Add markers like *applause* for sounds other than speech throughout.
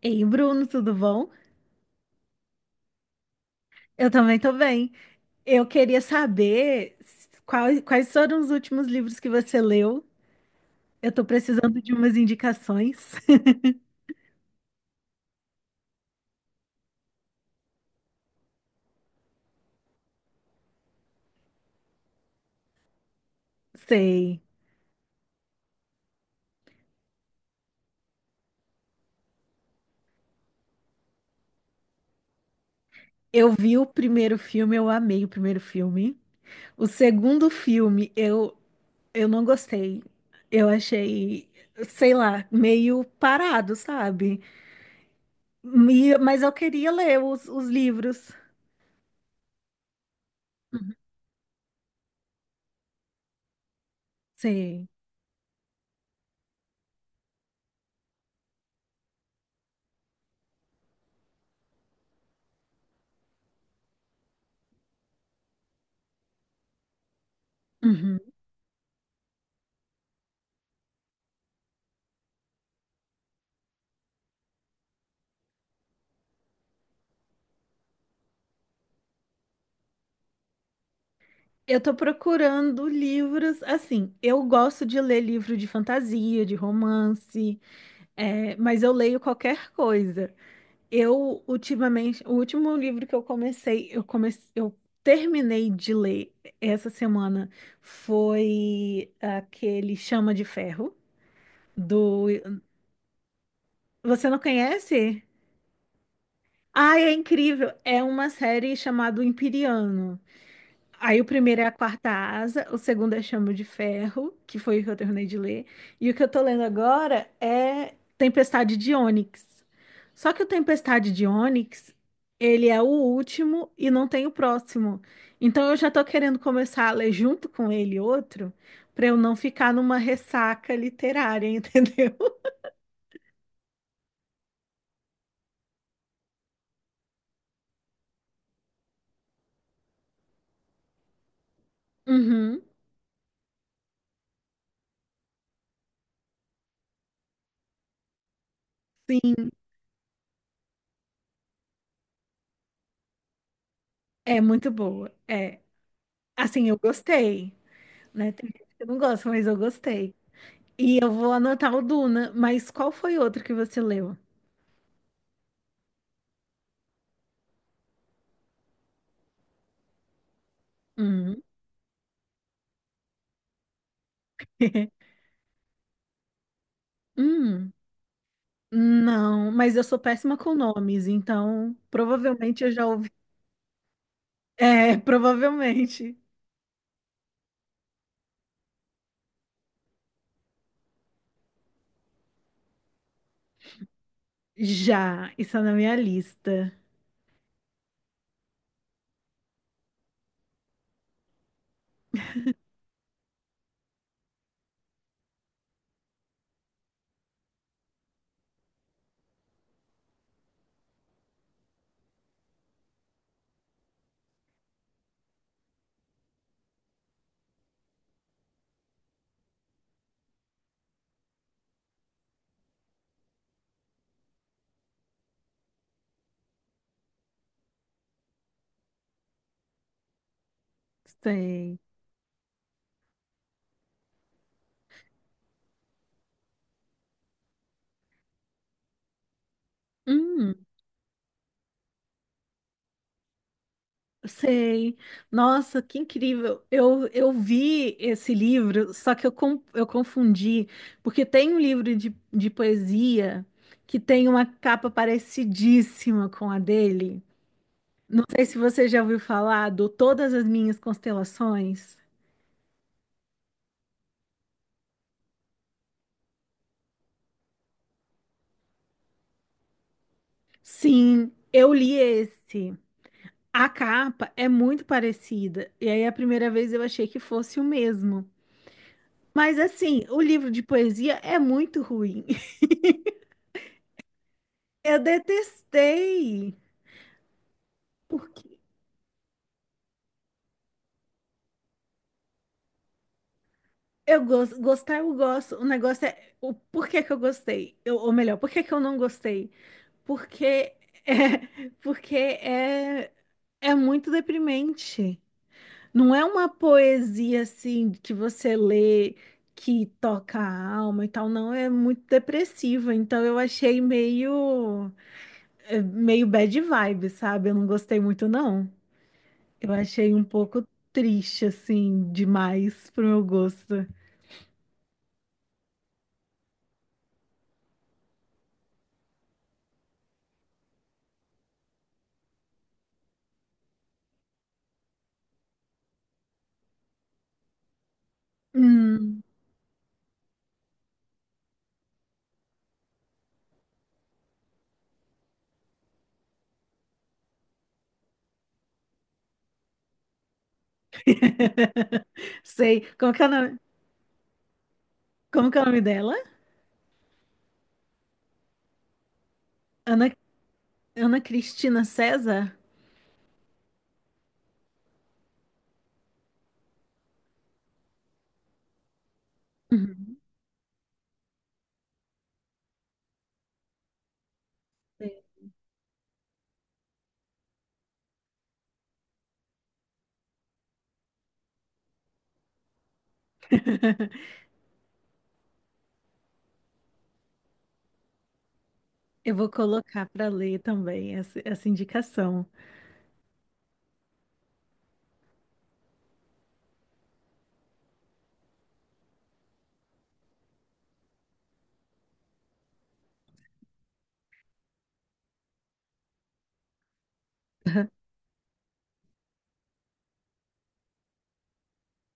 Ei, Bruno, tudo bom? Eu também tô bem. Eu queria saber quais foram os últimos livros que você leu. Eu tô precisando de umas indicações. *laughs* Sei. Eu vi o primeiro filme, eu amei o primeiro filme. O segundo filme, eu não gostei. Eu achei, sei lá, meio parado, sabe? Mas eu queria ler os livros. Sei. Uhum. Eu tô procurando livros, assim, eu gosto de ler livro de fantasia, de romance, é, mas eu leio qualquer coisa. Eu, ultimamente, o último livro que eu comecei, eu terminei de ler essa semana foi aquele Chama de Ferro, do... Você não conhece? Ai, é incrível! É uma série chamada O Imperiano. Aí o primeiro é A Quarta Asa, o segundo é Chama de Ferro, que foi o que eu terminei de ler. E o que eu tô lendo agora é Tempestade de Ônix. Só que o Tempestade de Ônix, ele é o último e não tem o próximo. Então eu já tô querendo começar a ler junto com ele outro, pra eu não ficar numa ressaca literária, *laughs* entendeu? Uhum. Sim, é muito boa. É, assim, eu gostei, né? Tem gente que não gosta, mas eu gostei. E eu vou anotar o Duna, mas qual foi outro que você leu? Hum, hum, não, mas eu sou péssima com nomes, então provavelmente eu já ouvi. É, *laughs* provavelmente. Já, isso é na minha lista. Sei. Hum, sei. Nossa, que incrível. Eu vi esse livro, só que eu confundi, porque tem um livro de poesia que tem uma capa parecidíssima com a dele. Não sei se você já ouviu falar do Todas as Minhas Constelações. Sim, eu li esse. A capa é muito parecida. E aí, a primeira vez eu achei que fosse o mesmo. Mas, assim, o livro de poesia é muito ruim. *laughs* Eu detestei. Porque eu gosto, gostar eu gosto. O negócio é o porquê que eu gostei. Eu, ou melhor, por que que eu não gostei? Porque *laughs* é, porque é, é muito deprimente. Não é uma poesia assim que você lê que toca a alma e tal, não, é muito depressiva. Então eu achei meio meio bad vibe, sabe? Eu não gostei muito não. Eu achei um pouco triste assim demais pro meu gosto. Hum. *laughs* Sei, como que é o nome dela? Ana Ana Cristina César? Uhum. *laughs* Eu vou colocar para ler também essa indicação. *laughs*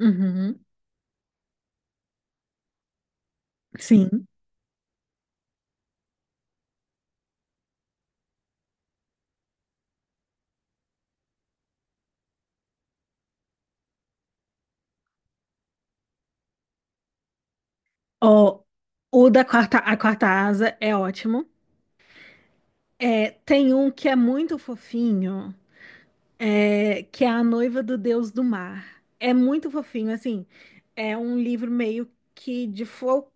Uhum, sim. Ó, a quarta asa é ótimo. É, tem um que é muito fofinho, que é A Noiva do Deus do Mar. É muito fofinho, assim. É um livro meio que de fol...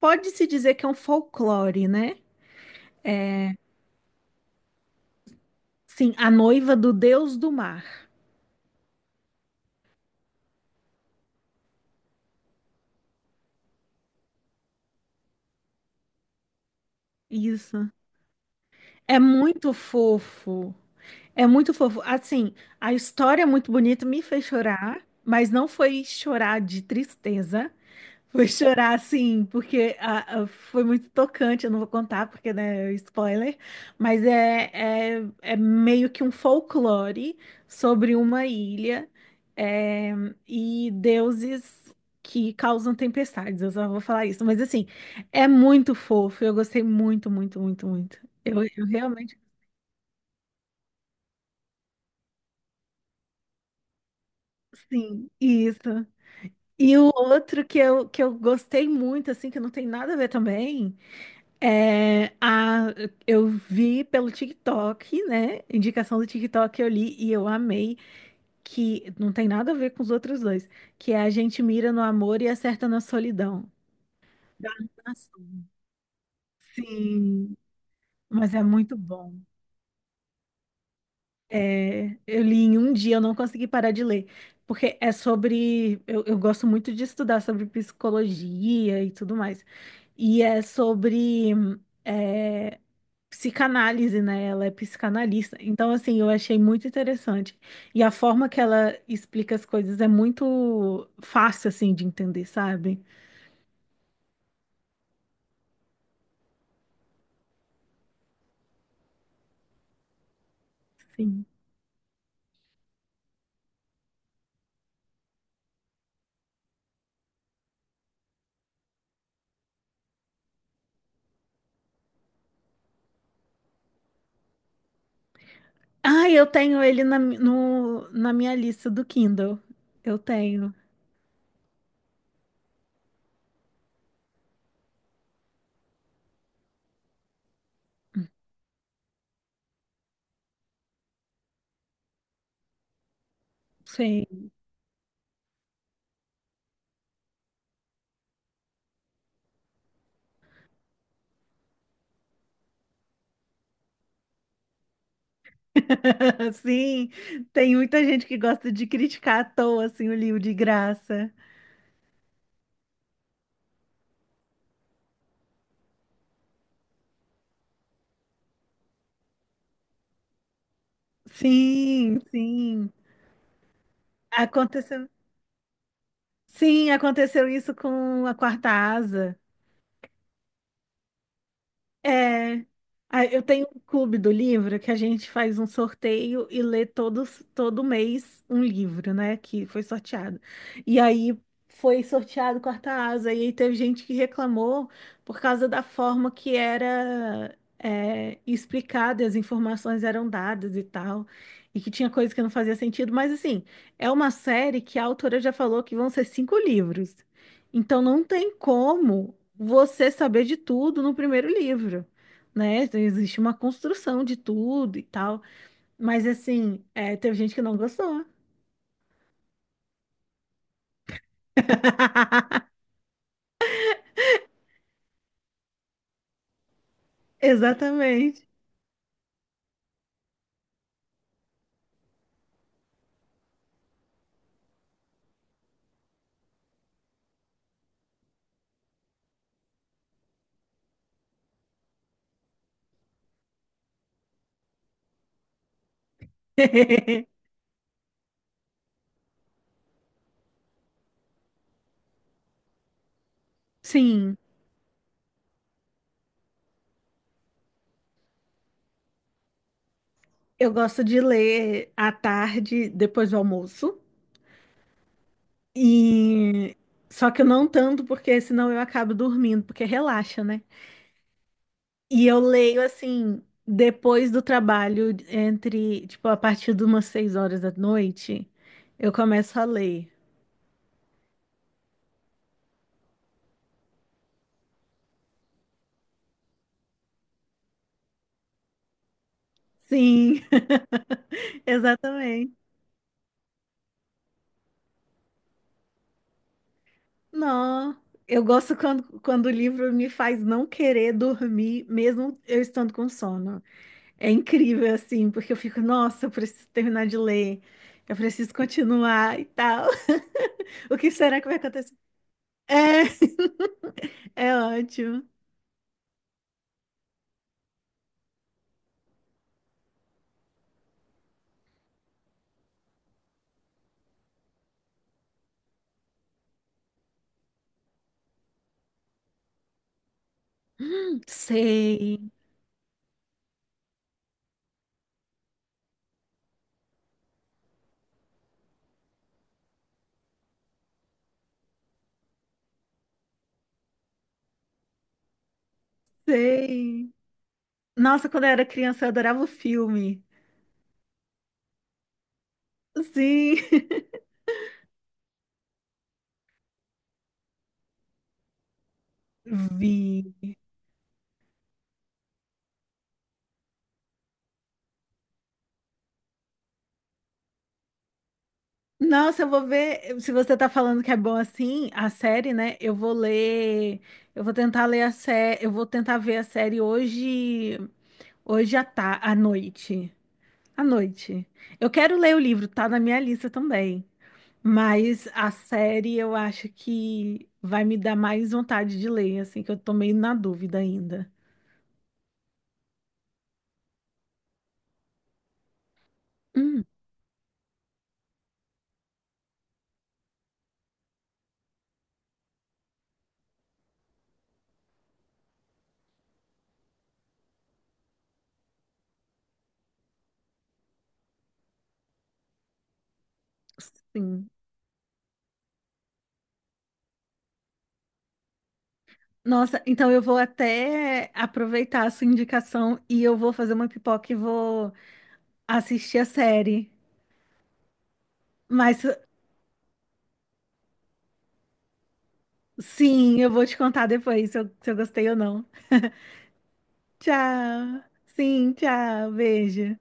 Pode-se dizer que é um folclore, né? Sim, A Noiva do Deus do Mar. Isso. É muito fofo. É muito fofo. Assim, a história é muito bonita, me fez chorar, mas não foi chorar de tristeza. Foi chorar, sim, porque foi muito tocante. Eu não vou contar, porque, né, é spoiler. Mas é meio que um folclore sobre uma ilha, é, e deuses que causam tempestades. Eu só vou falar isso. Mas, assim, é muito fofo. Eu gostei muito, muito, muito, muito. Eu realmente. Sim, isso. E o outro que que eu gostei muito, assim, que não tem nada a ver também. É, a, eu vi pelo TikTok, né? Indicação do TikTok eu li e eu amei, que não tem nada a ver com os outros dois, que é a gente mira no amor e acerta na solidão. Da animação. Sim, mas é muito bom. É, eu li em um dia, eu não consegui parar de ler, porque é sobre. Eu gosto muito de estudar sobre psicologia e tudo mais. E é sobre. É, psicanálise, né? Ela é psicanalista. Então, assim, eu achei muito interessante. E a forma que ela explica as coisas é muito fácil, assim, de entender, sabe? Sim. Ah, eu tenho ele na, mi- no, na minha lista do Kindle. Eu tenho. Sim. *laughs* Sim, tem muita gente que gosta de criticar à toa, assim, o livro de graça. Sim, sim. Aconteceu. Sim, aconteceu isso com a Quarta Asa. É, ah, eu tenho um clube do livro que a gente faz um sorteio e lê todo mês um livro, né? Que foi sorteado. E aí foi sorteado Quarta Asa, e aí teve gente que reclamou por causa da forma que era é, explicada, as informações eram dadas e tal, e que tinha coisa que não fazia sentido. Mas assim, é uma série que a autora já falou que vão ser cinco livros. Então não tem como você saber de tudo no primeiro livro, né? Então, existe uma construção de tudo e tal. Mas assim, é, teve gente que não gostou. *laughs* Exatamente. *laughs* Sim, eu gosto de ler à tarde, depois do almoço. E só que eu não tanto, porque senão eu acabo dormindo, porque relaxa, né? E eu leio assim, depois do trabalho, entre, tipo, a partir de umas 6 horas da noite, eu começo a ler. Sim, *laughs* exatamente. Não, eu gosto quando o livro me faz não querer dormir, mesmo eu estando com sono. É incrível, assim, porque eu fico, nossa, eu preciso terminar de ler, eu preciso continuar e tal. *laughs* O que será que vai acontecer? É, *laughs* é ótimo. Sei, sei. Nossa, quando eu era criança, eu adorava o filme. Sim, *laughs* vi. Nossa, eu vou ver. Se você tá falando que é bom assim, a série, né? Eu vou ler. Eu vou tentar ler a série. Eu vou tentar ver a série hoje. À noite. À noite. Eu quero ler o livro, tá na minha lista também. Mas a série eu acho que vai me dar mais vontade de ler, assim, que eu tô meio na dúvida ainda. Hum, sim. Nossa, então eu vou até aproveitar a sua indicação e eu vou fazer uma pipoca e vou. Assisti a série. Mas sim, eu vou te contar depois se se eu gostei ou não. *laughs* Tchau. Sim, tchau. Beijo.